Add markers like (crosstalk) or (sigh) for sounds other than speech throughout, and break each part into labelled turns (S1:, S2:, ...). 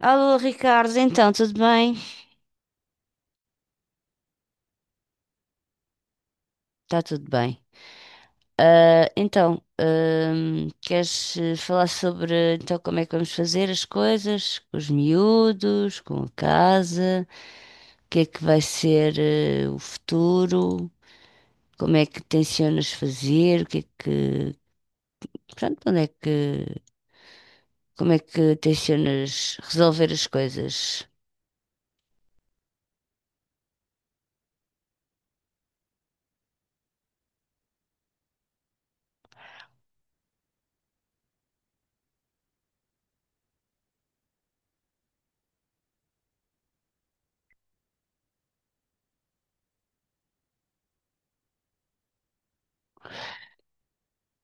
S1: Alô, Ricardo, então, tudo bem? Está tudo bem. Ah, então, queres falar sobre então, como é que vamos fazer as coisas com os miúdos, com a casa, o que é que vai ser o futuro, como é que tencionas fazer, o que é que, pronto, onde é que, como é que tencionas resolver as coisas?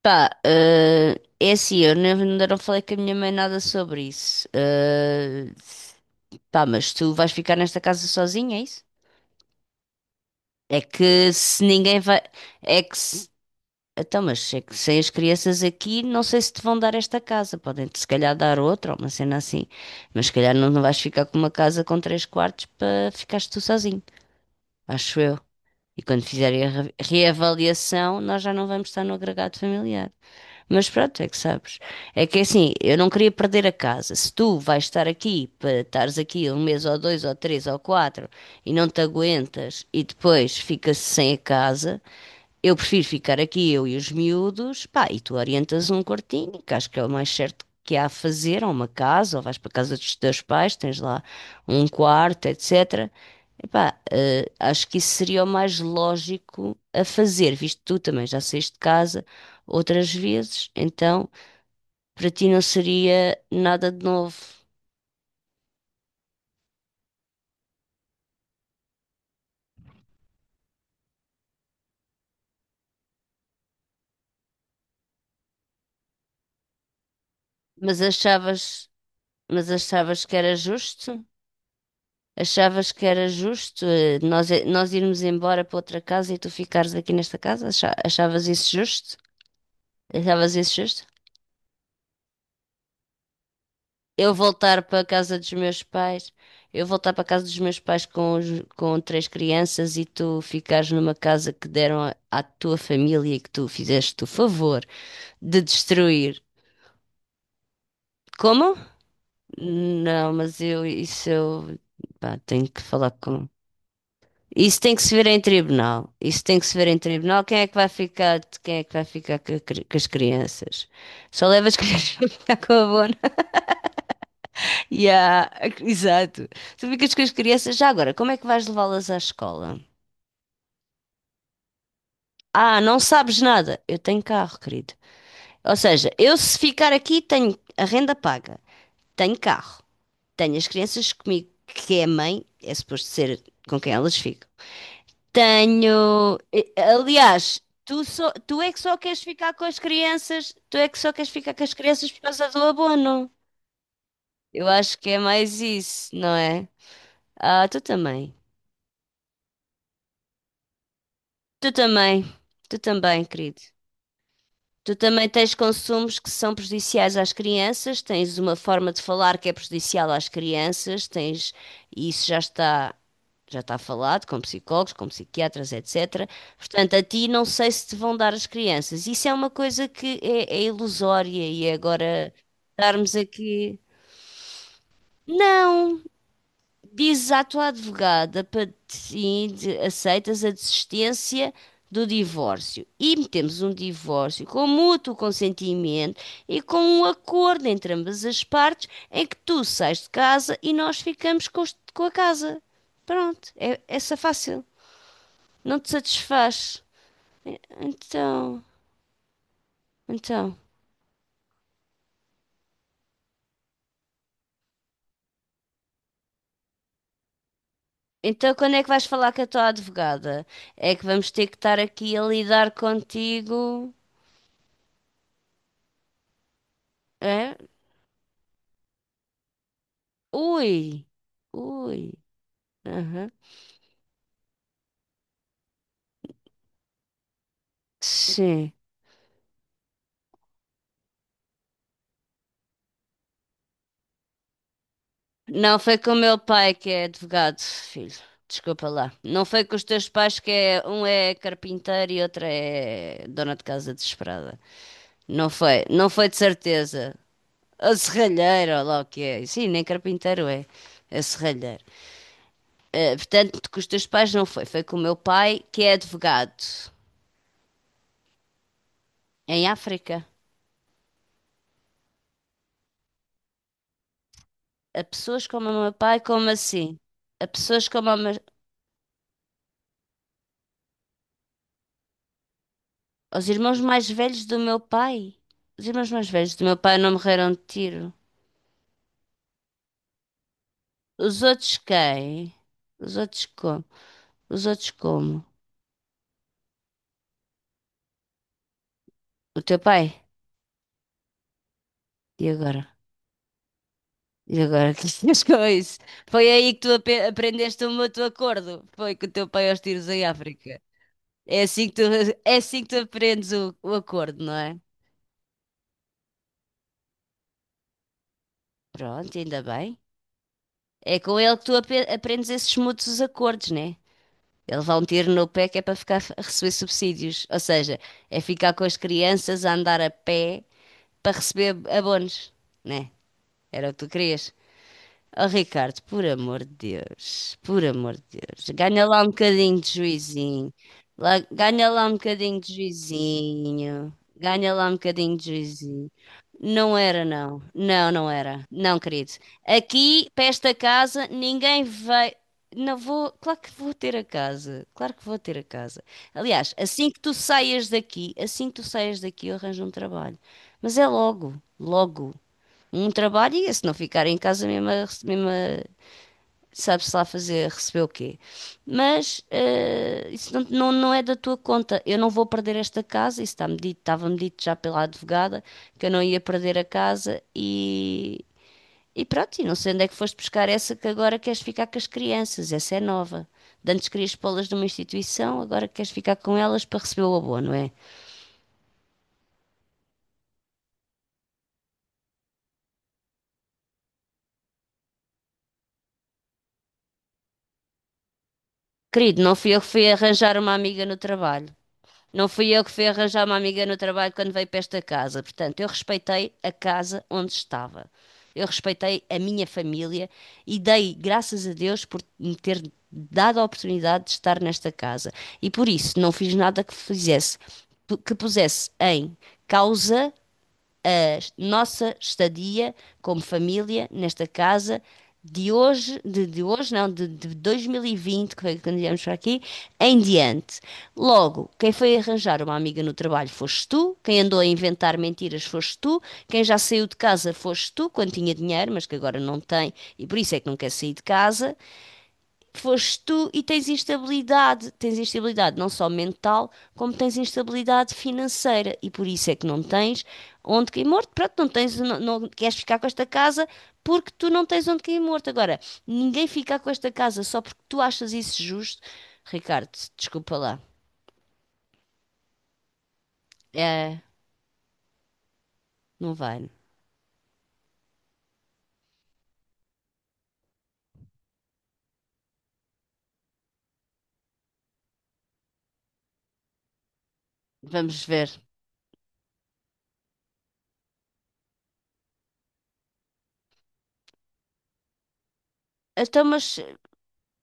S1: Pá, é assim, eu nem ainda não falei com a minha mãe nada sobre isso. Pá, mas tu vais ficar nesta casa sozinha, é isso? É que se ninguém vai. É que se... Então, mas é que sem as crianças aqui, não sei se te vão dar esta casa. Podem-te se calhar dar outra, ou uma cena assim. Mas se calhar não vais ficar com uma casa com três quartos para ficares tu sozinho. Acho eu. E quando fizerem a reavaliação, nós já não vamos estar no agregado familiar. Mas pronto, é que sabes. É que assim, eu não queria perder a casa. Se tu vais estar aqui, para estares aqui um mês ou dois ou três ou quatro e não te aguentas e depois fica-se sem a casa, eu prefiro ficar aqui, eu e os miúdos, pá, e tu orientas um quartinho, que acho que é o mais certo que há a fazer, ou uma casa, ou vais para a casa dos teus pais, tens lá um quarto, etc. Epá, acho que isso seria o mais lógico a fazer, visto que tu também já saíste de casa outras vezes, então para ti não seria nada de novo. Mas achavas, mas achavas que era justo? Achavas que era justo nós irmos embora para outra casa e tu ficares aqui nesta casa? Achavas isso justo? Achavas isso justo? Eu voltar para a casa dos meus pais, eu voltar para a casa dos meus pais com três crianças e tu ficares numa casa que deram à tua família e que tu fizeste o favor de destruir. Como? Não, mas eu, isso eu, pá, tenho que falar com. Isso tem que se ver em tribunal. Isso tem que se ver em tribunal. Quem é que vai ficar, quem é que vai ficar com as crianças? Só leva as crianças (laughs) para ficar com a bona. E (laughs) Exato. Tu ficas com as crianças. Já agora, como é que vais levá-las à escola? Ah, não sabes nada. Eu tenho carro, querido. Ou seja, eu se ficar aqui tenho a renda paga, tenho carro, tenho as crianças comigo, que é a mãe, é suposto ser com quem elas ficam. Tenho. Aliás, tu é que só queres ficar com as crianças, tu é que só queres ficar com as crianças por causa do abono. Eu acho que é mais isso, não é? Ah, tu também. Tu também. Tu também, querido. Tu também tens consumos que são prejudiciais às crianças, tens uma forma de falar que é prejudicial às crianças, tens, e isso já está falado com psicólogos, com psiquiatras, etc. Portanto, a ti não sei se te vão dar as crianças. Isso é uma coisa que é ilusória e agora estarmos aqui. Não, dizes à tua advogada para sim, aceitas a desistência do divórcio e metemos um divórcio com mútuo consentimento e com um acordo entre ambas as partes em que tu sais de casa e nós ficamos com a casa. Pronto, é essa fácil. Não te satisfaz. Então, então. Então, quando é que vais falar com a tua advogada? É que vamos ter que estar aqui a lidar contigo. É? Ui, ui. Aham. Sim. Não foi com o meu pai que é advogado, filho. Desculpa lá. Não foi com os teus pais que é, um é carpinteiro e outro é dona de casa desesperada. Não foi, não foi de certeza. Ou serralheiro, ou lá o que é. Sim, nem carpinteiro é. É serralheiro. Portanto, com os teus pais não foi. Foi com o meu pai que é advogado. Em África. A pessoas como o meu pai, como assim? A pessoas como o meu. Os irmãos mais velhos do meu pai. Os irmãos mais velhos do meu pai não morreram de tiro. Os outros quem? Os outros como? Os outros como? O teu pai? E agora? E agora que (laughs) tinhas com isso? Foi aí que tu aprendeste o mútuo acordo. Foi com o teu pai aos tiros em África. É assim que tu, é assim que tu aprendes o acordo, não é? Pronto, ainda bem. É com ele que tu aprendes esses mútuos acordos, né? Eles vão ter no pé que é para ficar a receber subsídios. Ou seja, é ficar com as crianças a andar a pé para receber abonos, né? Era o que tu querias. Oh, Ricardo, por amor de Deus, por amor de Deus, ganha lá um bocadinho de juizinho, lá, ganha lá um bocadinho de juizinho, ganha lá um bocadinho de juizinho. Não era, não era, não, querido. Aqui, para esta casa, ninguém vai. Não vou, claro que vou ter a casa, claro que vou ter a casa. Aliás, assim que tu saias daqui, assim que tu saias daqui, eu arranjo um trabalho. Mas é logo, logo um trabalho e se não ficar em casa mesmo, a mesmo sabe-se lá fazer, receber o quê. Mas isso não é da tua conta. Eu não vou perder esta casa, isso está-me dito, estava-me dito já pela advogada que eu não ia perder a casa e pronto, e não sei onde é que foste buscar essa que agora queres ficar com as crianças, essa é nova. De antes querias pô-las numa instituição, agora queres ficar com elas para receber o abono, não é? Querido, não fui eu que fui arranjar uma amiga no trabalho. Não fui eu que fui arranjar uma amiga no trabalho quando veio para esta casa. Portanto, eu respeitei a casa onde estava. Eu respeitei a minha família e dei graças a Deus por me ter dado a oportunidade de estar nesta casa. E por isso não fiz nada que fizesse, que pusesse em causa a nossa estadia como família nesta casa de hoje, de hoje não, de 2020, que foi quando viemos para aqui, em diante. Logo, quem foi arranjar uma amiga no trabalho foste tu, quem andou a inventar mentiras foste tu, quem já saiu de casa foste tu, quando tinha dinheiro, mas que agora não tem, e por isso é que não quer sair de casa, foste tu e tens instabilidade. Tens instabilidade não só mental, como tens instabilidade financeira. E por isso é que não tens onde cair morto. Pronto, não tens, não queres ficar com esta casa porque tu não tens onde cair morto. Agora, ninguém fica com esta casa só porque tu achas isso justo. Ricardo, desculpa lá. É, não vai. Vamos ver. Então, mas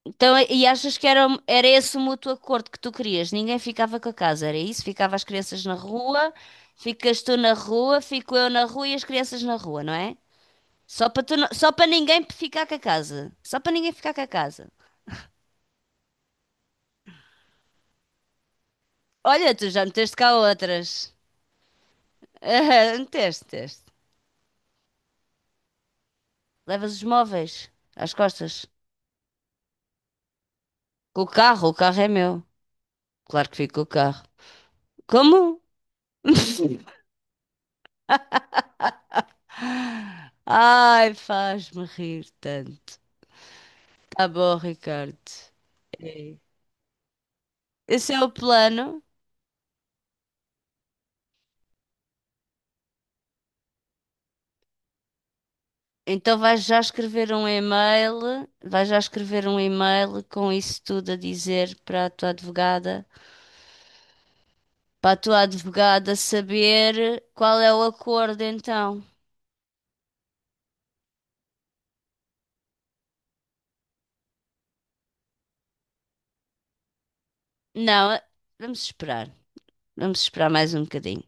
S1: então, e achas que era, era esse o mútuo acordo que tu querias? Ninguém ficava com a casa, era isso? Ficava as crianças na rua, ficas tu na rua, fico eu na rua e as crianças na rua, não é? Só para tu, só para ninguém ficar com a casa. Só para ninguém ficar com a casa. Olha, tu já meteste cá outras. (laughs) Ah, meteste, meteste. Levas os móveis às costas. Com o carro é meu. Claro que fico com o carro. Como? (laughs) Ai, faz-me rir tanto. Tá bom, Ricardo. É. Esse é o plano. Então vais já escrever um e-mail, vais já escrever um e-mail com isso tudo a dizer para a tua advogada, para a tua advogada saber qual é o acordo então. Não, vamos esperar. Vamos esperar mais um bocadinho.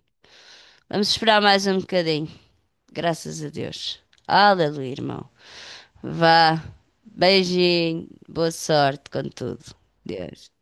S1: Vamos esperar mais um bocadinho. Graças a Deus. Aleluia, irmão. Vá. Beijinho. Boa sorte com tudo. Deus.